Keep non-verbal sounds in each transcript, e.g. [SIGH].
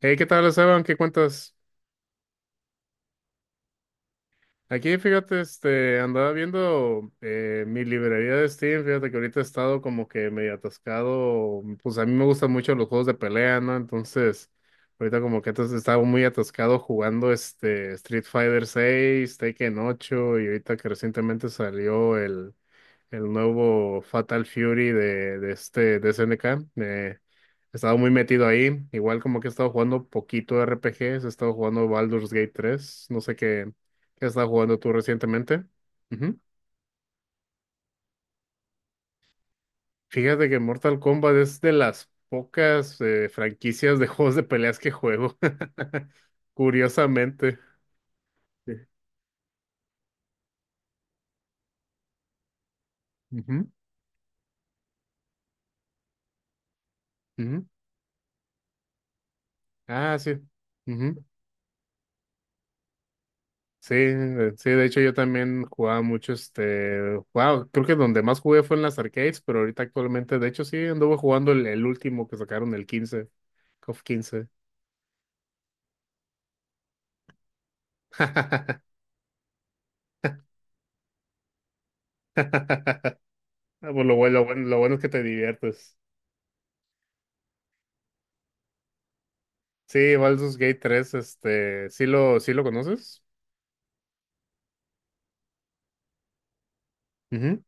Hey, ¿qué tal, Esteban? ¿Qué cuentas? Aquí, fíjate, andaba viendo mi librería de Steam. Fíjate que ahorita he estado como que medio atascado, pues a mí me gustan mucho los juegos de pelea, ¿no? Entonces, ahorita como que antes estaba muy atascado jugando este Street Fighter 6, Tekken 8, y ahorita que recientemente salió el nuevo Fatal Fury de, de SNK. He estado muy metido ahí. Igual como que he estado jugando poquito RPGs, he estado jugando Baldur's Gate 3. No sé qué, qué has estado jugando tú recientemente. Ujú. Fíjate que Mortal Kombat es de las pocas franquicias de [LAUGHS] juegos de peleas que juego. [LAUGHS] Curiosamente. Sí. Ujú, ujú. Ah, sí. Ujú. Sí, sí, de hecho yo también jugaba mucho wow, creo que donde más jugué fue en las arcades, pero ahorita actualmente, de hecho sí, anduve jugando el último que sacaron, el 15, KOF 15. [LAUGHS] Ah, pues lo bueno, lo bueno, lo bueno es que te diviertes. Sí, Baldur's Gate 3, sí lo conoces. Ujú.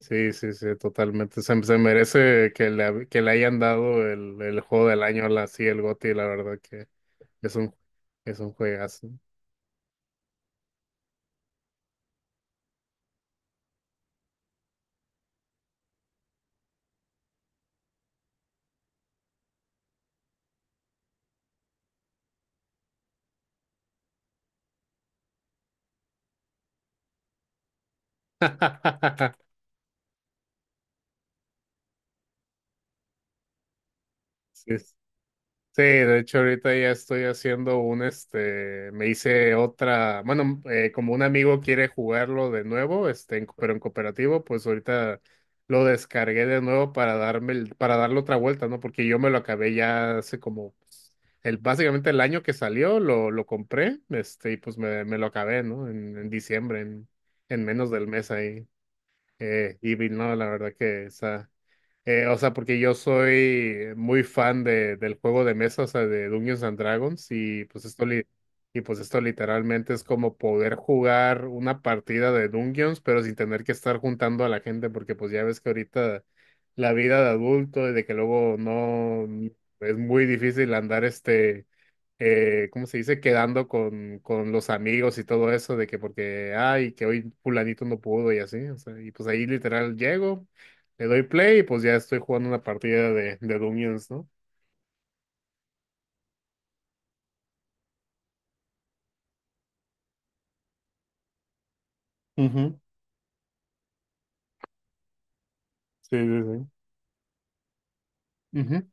Sí, sí, sí, totalmente. Se merece que le hayan dado el juego del año, la, sí, el GOTY, la verdad que es un, es un juegazo. [LAUGHS] Sí, sí, de hecho ahorita ya estoy haciendo un, me hice otra, bueno, como un amigo quiere jugarlo de nuevo, en- pero en cooperativo, pues ahorita lo descargué de nuevo para darme, el- para darle otra vuelta, ¿no? Porque yo me lo acabé ya hace como, pues, el, básicamente el año que salió, lo compré, y pues me lo acabé, ¿no? En diciembre, en menos del mes ahí. Y vi- no, la verdad que está. O sea, porque yo soy muy fan de, del juego de mesa, o sea, de Dungeons and Dragons, y pues esto li- y pues esto literalmente es como poder jugar una partida de Dungeons, pero sin tener que estar juntando a la gente, porque pues ya ves que ahorita la vida de adulto y de que luego no es muy difícil andar ¿cómo se dice? Quedando con los amigos y todo eso, de que porque, ay, que hoy fulanito no pudo y así, o sea, y pues ahí literal llego, le doy play y pues ya estoy jugando una partida de Dungeons, ¿no? Ujú. Sí, sí, sí. Ujú.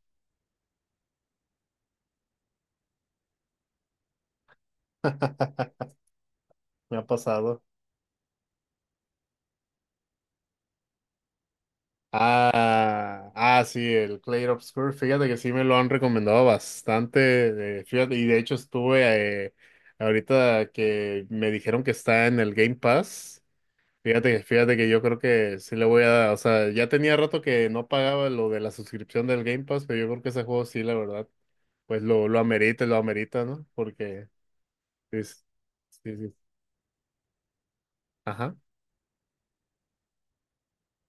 [LAUGHS] Me ha pasado. Ah, ah, sí, el Clay Obscur. Fíjate que sí me lo han recomendado bastante. Fíjate, y de hecho estuve ahorita que me dijeron que está en el Game Pass. Fíjate, fíjate que yo creo que sí le voy a dar, o sea, ya tenía rato que no pagaba lo de la suscripción del Game Pass, pero yo creo que ese juego sí, la verdad, pues lo amerita, ¿no? Porque es, sí, sí, ajá,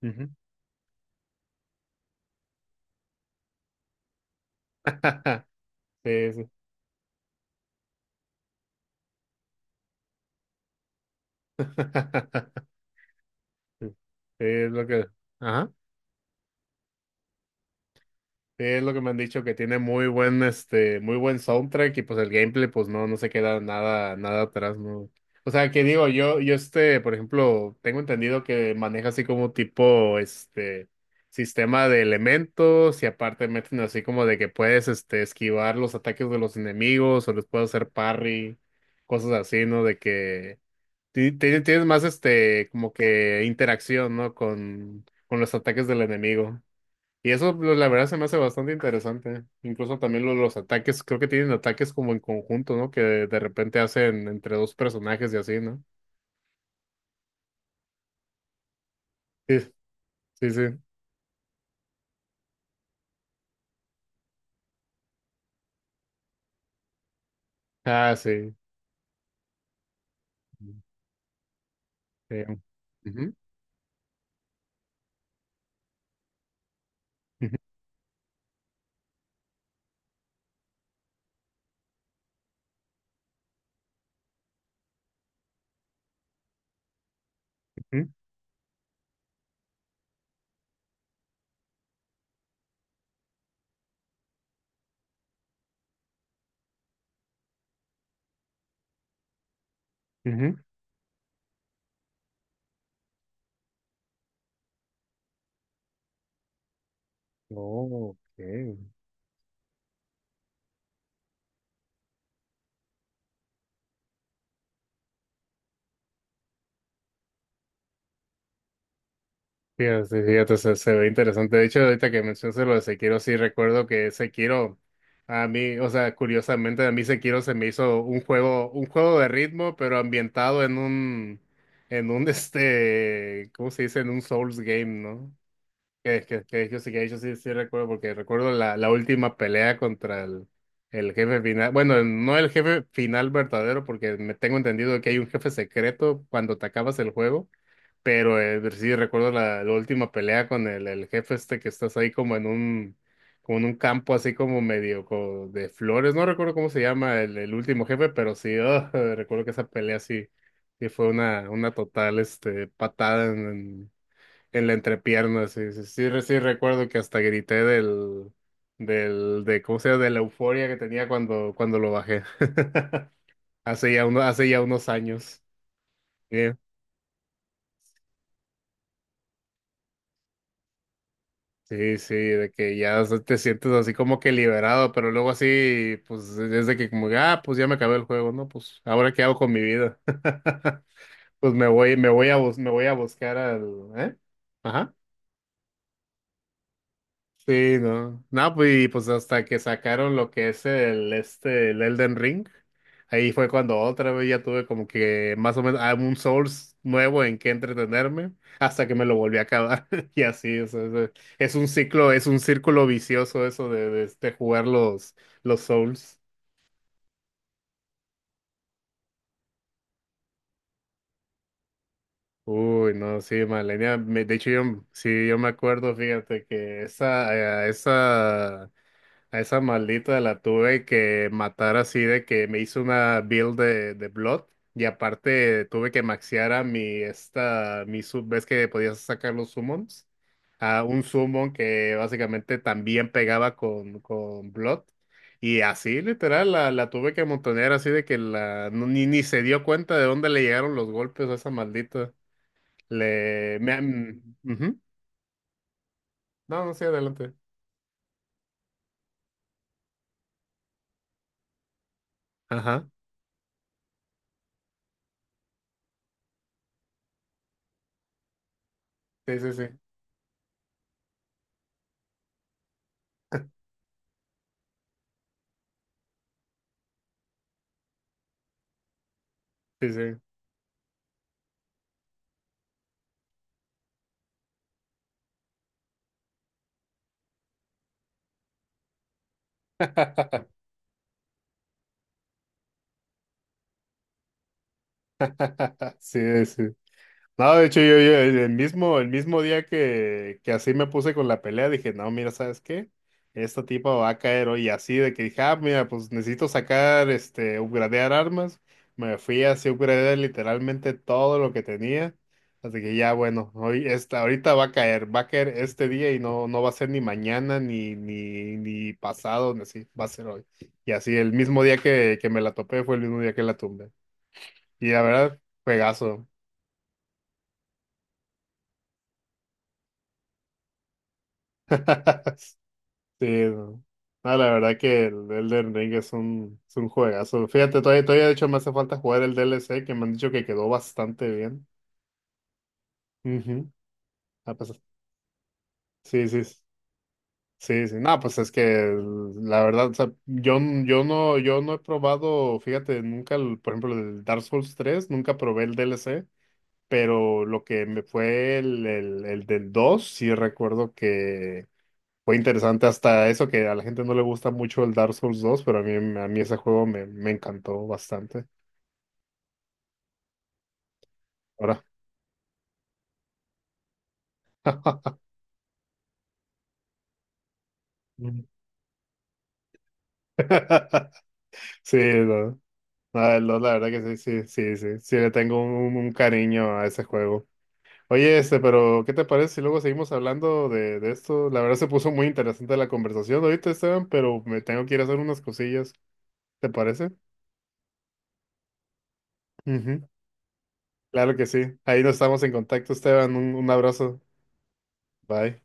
ujú. [LAUGHS] Sí, sí. [LAUGHS] Sí, es lo que, ajá. Sí, es lo que me han dicho, que tiene muy buen, muy buen soundtrack, y pues el gameplay, pues no, no se queda nada, nada atrás, ¿no? O sea, que digo, yo, yo por ejemplo, tengo entendido que maneja así como tipo, sistema de elementos, y aparte meten así como de que puedes, esquivar los ataques de los enemigos o les puedes hacer parry, cosas así, ¿no? De que ti- ti- tienes más, como que interacción, ¿no? Con los ataques del enemigo. Y eso, lo- la verdad, se me hace bastante interesante. Incluso también lo- los ataques, creo que tienen ataques como en conjunto, ¿no? Que de repente hacen entre dos personajes y así, ¿no? Sí, sí, sí. Ah, sí. Sí. Ujú, ujú, ujú, ujú. Oh, ok. Fíjate, sí, fíjate, se ve interesante. De hecho, ahorita que mencionas lo de Sekiro, sí recuerdo que Sekiro, a mí, o sea, curiosamente, a mí Sekiro se me hizo un juego de ritmo, pero ambientado en un, [LAUGHS] ¿cómo se dice? En un Souls game, ¿no? Que yo sí, sí recuerdo, porque recuerdo la, la última pelea contra el jefe final. Bueno, no el jefe final verdadero, porque me tengo entendido que hay un jefe secreto cuando te acabas el juego, pero sí recuerdo la, la última pelea con el jefe este que estás ahí como en un campo así como medio co- de flores. No recuerdo cómo se llama el último jefe, pero sí, ah, [LAUGHS] recuerdo que esa pelea sí, sí fue una total patada en la entrepierna. Sí, sí, sí, re- sí recuerdo que hasta grité del, del, de, ¿cómo se llama? De la euforia que tenía cuando, cuando lo bajé. [LAUGHS] Hace ya uno, hace ya unos años. Sí. Sí, sí, de que ya o sea, te sientes así como que liberado, pero luego así, pues e, es de que como, ah, pues ya me acabé el juego, ¿no? Pues ahora qué hago con mi vida. [LAUGHS] Pues me voy a, bus- me voy a buscar al, ¿eh? Ajá. Sí, no. No, pues, y pues hasta que sacaron lo que es el Elden Ring, ahí fue cuando otra vez ya tuve como que más o menos ah, un Souls nuevo en que entretenerme, hasta que me lo volví a acabar. [LAUGHS] Y así, o sea, es un ciclo, es un círculo vicioso eso de, de jugar los Souls. Uy, no, sí, Malenia, me- de hecho yo, sí, yo me acuerdo, fíjate que esa, esa, a esa maldita la tuve que matar así de que me hizo una build de Blood, y aparte tuve que maxear a mi esta mi sub, ves que podías sacar los summons, a un summon que básicamente también pegaba con Blood, y así literal la, la tuve que montonear así de que la no- ni, ni se dio cuenta de dónde le llegaron los golpes a esa maldita. Le me, ujú. No, no, sí, adelante. Ajá. Sí, sí, sí. Sí, sí. [LAUGHS] Sí, sí. No, de hecho, yo el mismo día que así me puse con la pelea, dije, no, mira, ¿sabes qué? Esta tipa va a caer hoy. Y así de que dije, ah, mira, pues necesito sacar, upgradear armas. Me fui así a upgradear literalmente todo lo que tenía. Así que ya, bueno, hoy esta, ahorita va a caer este día y no, no va a ser ni mañana, ni, ni, ni pasado, ni así, va a ser hoy. Y así el mismo día que me la topé fue el mismo día que la tumbé. Y la verdad, juegazo. [LAUGHS] Sí, no. No, la verdad que el Elden Ring es un juegazo. Fíjate, todavía, todavía de hecho me hace falta jugar el DLC que me han dicho que quedó bastante bien. Ujú. Ah, pues, sí, sí, sí, sí. No, pues es que la verdad, o sea, yo, n- yo no, yo no he probado, fíjate, nunca, el- por ejemplo, el Dark Souls 3 nunca probé el DLC, pero lo que me fue el del 2 sí recuerdo. Fue interesante hasta eso que a la gente no le gusta mucho el Dark Souls 2, pero a mí ese juego me, me encantó bastante. Ahora. [LAUGHS] Mm. [LAUGHS] Sí, no. No, el dos, la verdad que sí, sí, sí, sí, sí, le tengo un cariño a ese juego. Oye, pero ¿qué te parece si luego seguimos hablando de esto? La verdad se puso muy interesante la conversación ahorita, Esteban, pero me tengo que ir a hacer unas cosillas. ¿Te parece? Ujú. Claro que sí. Ahí nos estamos en contacto, Esteban. Un abrazo. Bye.